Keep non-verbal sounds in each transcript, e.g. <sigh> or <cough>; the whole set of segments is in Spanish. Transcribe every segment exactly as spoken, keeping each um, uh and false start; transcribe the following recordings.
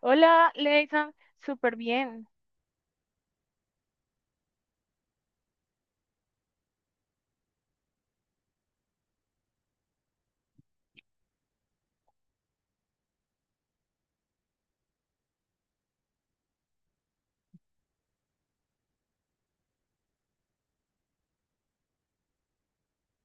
Hola, Leison, súper bien.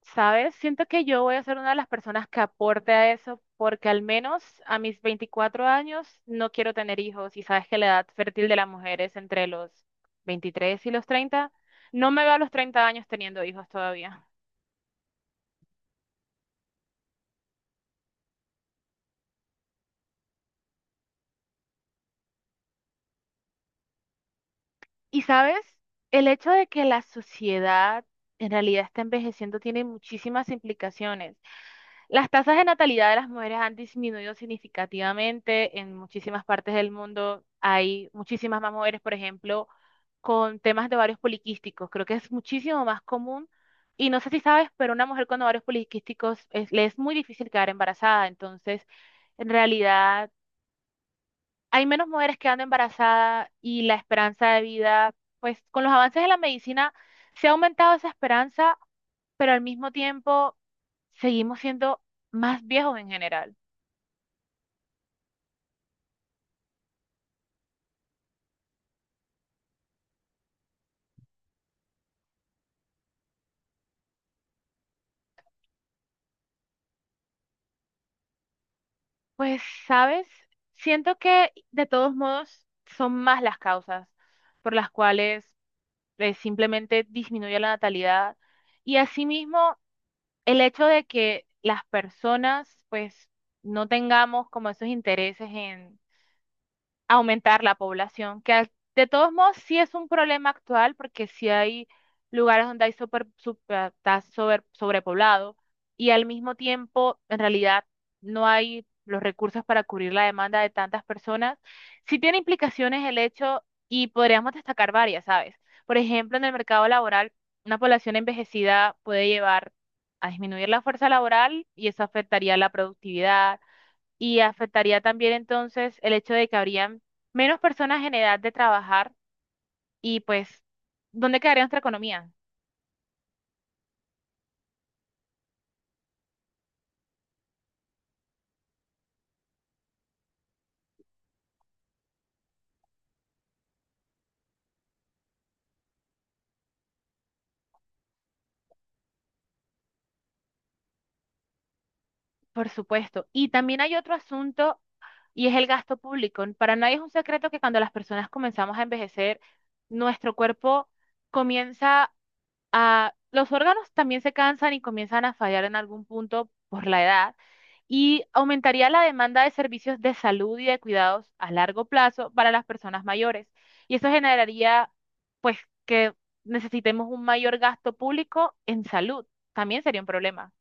¿Sabes? Siento que yo voy a ser una de las personas que aporte a eso, porque al menos a mis veinticuatro años no quiero tener hijos y sabes que la edad fértil de las mujeres entre los veintitrés y los treinta, no me veo a los treinta años teniendo hijos todavía. Y sabes, el hecho de que la sociedad en realidad está envejeciendo tiene muchísimas implicaciones. Las tasas de natalidad de las mujeres han disminuido significativamente en muchísimas partes del mundo. Hay muchísimas más mujeres, por ejemplo, con temas de ovarios poliquísticos. Creo que es muchísimo más común. Y no sé si sabes, pero una mujer con ovarios poliquísticos es- le es muy difícil quedar embarazada. Entonces, en realidad hay menos mujeres quedando embarazadas y la esperanza de vida, pues con los avances de la medicina se ha aumentado esa esperanza, pero al mismo tiempo seguimos siendo más viejos en general. Pues, ¿sabes? Siento que de todos modos son más las causas por las cuales eh, simplemente disminuye la natalidad y asimismo el hecho de que las personas pues no tengamos como esos intereses en aumentar la población, que al- de todos modos sí es un problema actual porque sí hay lugares donde hay super, super- está sobre- sobrepoblado y al mismo tiempo en realidad no hay los recursos para cubrir la demanda de tantas personas. Sí tiene implicaciones el hecho y podríamos destacar varias, ¿sabes? Por ejemplo, en el mercado laboral, una población envejecida puede llevar a disminuir la fuerza laboral y eso afectaría la productividad y afectaría también entonces el hecho de que habrían menos personas en edad de trabajar y pues, ¿dónde quedaría nuestra economía? Por supuesto. Y también hay otro asunto y es el gasto público. Para nadie es un secreto que cuando las personas comenzamos a envejecer, nuestro cuerpo comienza los órganos también se cansan y comienzan a fallar en algún punto por la edad y aumentaría la demanda de servicios de salud y de cuidados a largo plazo para las personas mayores. Y eso generaría, pues, que necesitemos un mayor gasto público en salud. También sería un problema.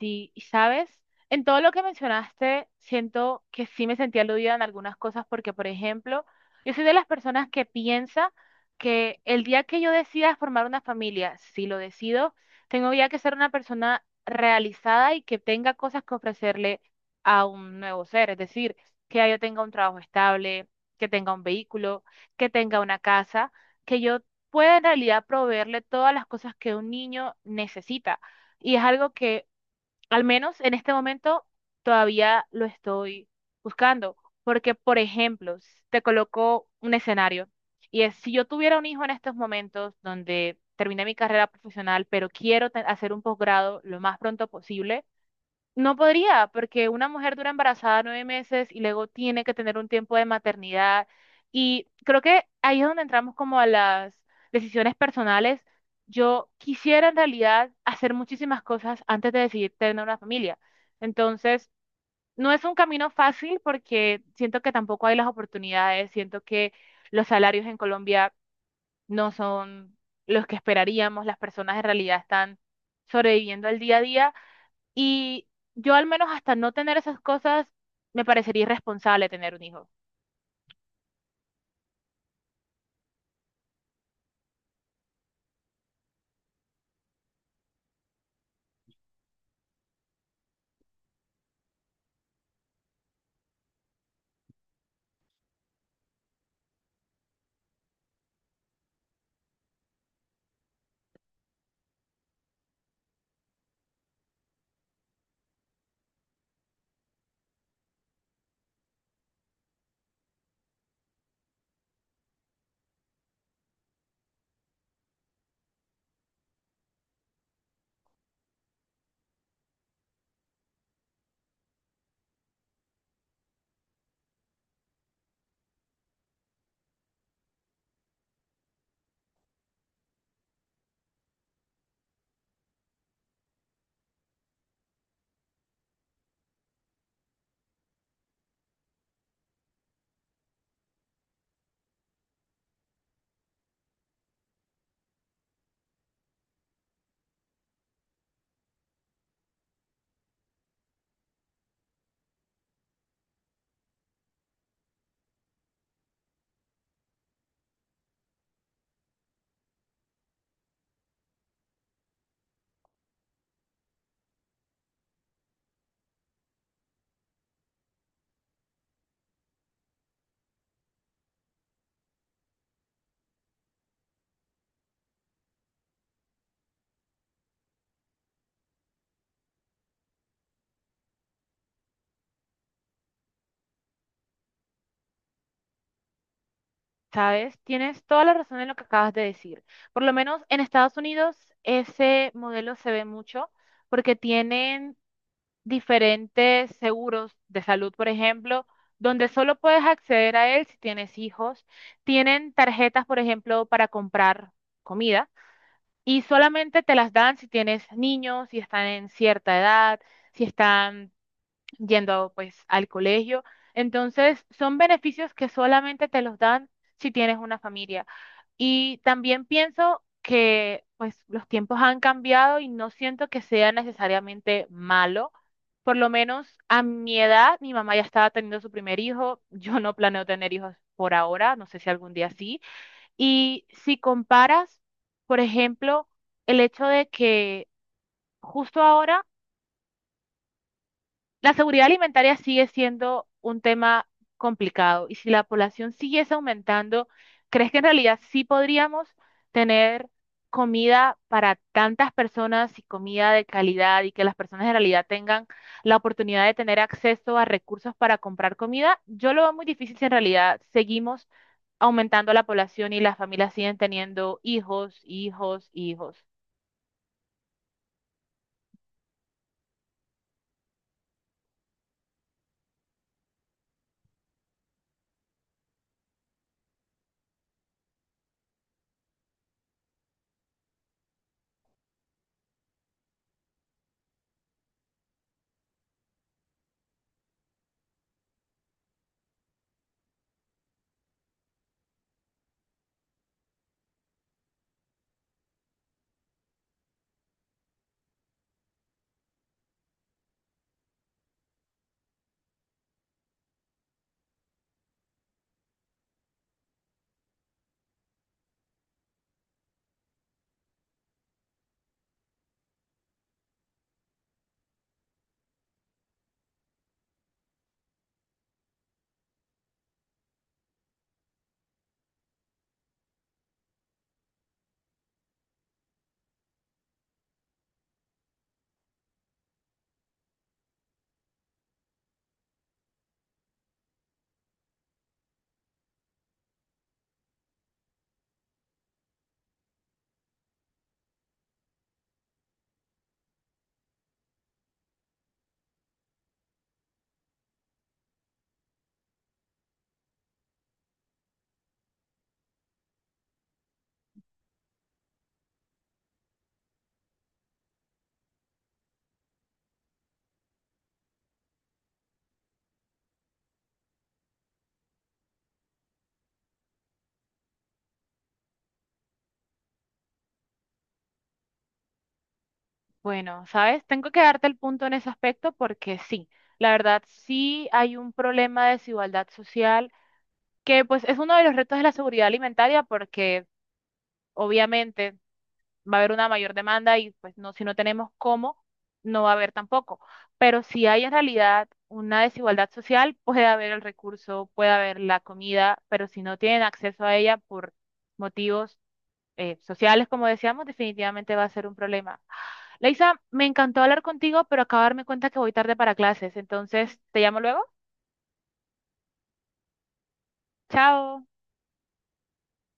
Sí, y ¿sabes? En todo lo que mencionaste, siento que sí me sentí aludida en algunas cosas porque, por ejemplo, yo soy de las personas que piensa que el día que yo decida formar una familia, si lo decido, tengo ya que ser una persona realizada y que tenga cosas que ofrecerle a un nuevo ser. Es decir, que ya yo tenga un trabajo estable, que tenga un vehículo, que tenga una casa, que yo pueda en realidad proveerle todas las cosas que un niño necesita. Y es algo que al menos en este momento todavía lo estoy buscando, porque, por ejemplo, s- te coloco un escenario y es, si yo tuviera un hijo en estos momentos donde terminé mi carrera profesional, pero quiero te- hacer un posgrado lo más pronto posible, no podría, porque una mujer dura embarazada nueve meses y luego tiene que tener un tiempo de maternidad. Y creo que ahí es donde entramos como a las decisiones personales. Yo quisiera en realidad hacer muchísimas cosas antes de decidir tener una familia. Entonces, no es un camino fácil porque siento que tampoco hay las oportunidades, siento que los salarios en Colombia no son los que esperaríamos, las personas en realidad están sobreviviendo al día a día y yo al menos hasta no tener esas cosas, me parecería irresponsable tener un hijo, ¿sabes? Tienes toda la razón en lo que acabas de decir. Por lo menos en Estados Unidos ese modelo se ve mucho porque tienen diferentes seguros de salud, por ejemplo, donde solo puedes acceder a él si tienes hijos. Tienen tarjetas, por ejemplo, para comprar comida y solamente te las dan si tienes niños, si están en cierta edad si están yendo pues al colegio. Entonces, son beneficios que solamente te los dan si tienes una familia. Y también pienso que pues los tiempos han cambiado y no siento que sea necesariamente malo. Por lo menos a mi edad, mi mamá ya estaba teniendo su primer hijo, <laughs> yo no planeo tener hijos por ahora, no sé si algún día sí. Y si comparas, por ejemplo, el hecho de que justo ahora la seguridad alimentaria sigue siendo un tema complicado y si la población siguiese aumentando, ¿crees que en realidad sí podríamos tener comida para tantas personas y comida de calidad y que las personas en realidad tengan la oportunidad de tener acceso a recursos para comprar comida? Yo lo veo muy difícil si en realidad seguimos aumentando la población y las familias siguen teniendo hijos, hijos, hijos. Bueno, sabes, tengo que darte el punto en ese aspecto porque sí, la verdad sí hay un problema de desigualdad social que pues es uno de los retos de la seguridad alimentaria porque obviamente va a haber una mayor demanda y pues no, si no tenemos cómo, no va a haber tampoco. Pero si hay en realidad una desigualdad social, puede haber el recurso, puede haber la comida, pero si no tienen acceso a ella por motivos eh, sociales, como decíamos, definitivamente va a ser un problema. Leisa, me encantó hablar contigo, pero acabo de darme cuenta que voy tarde para clases. Entonces, te llamo luego. Chao.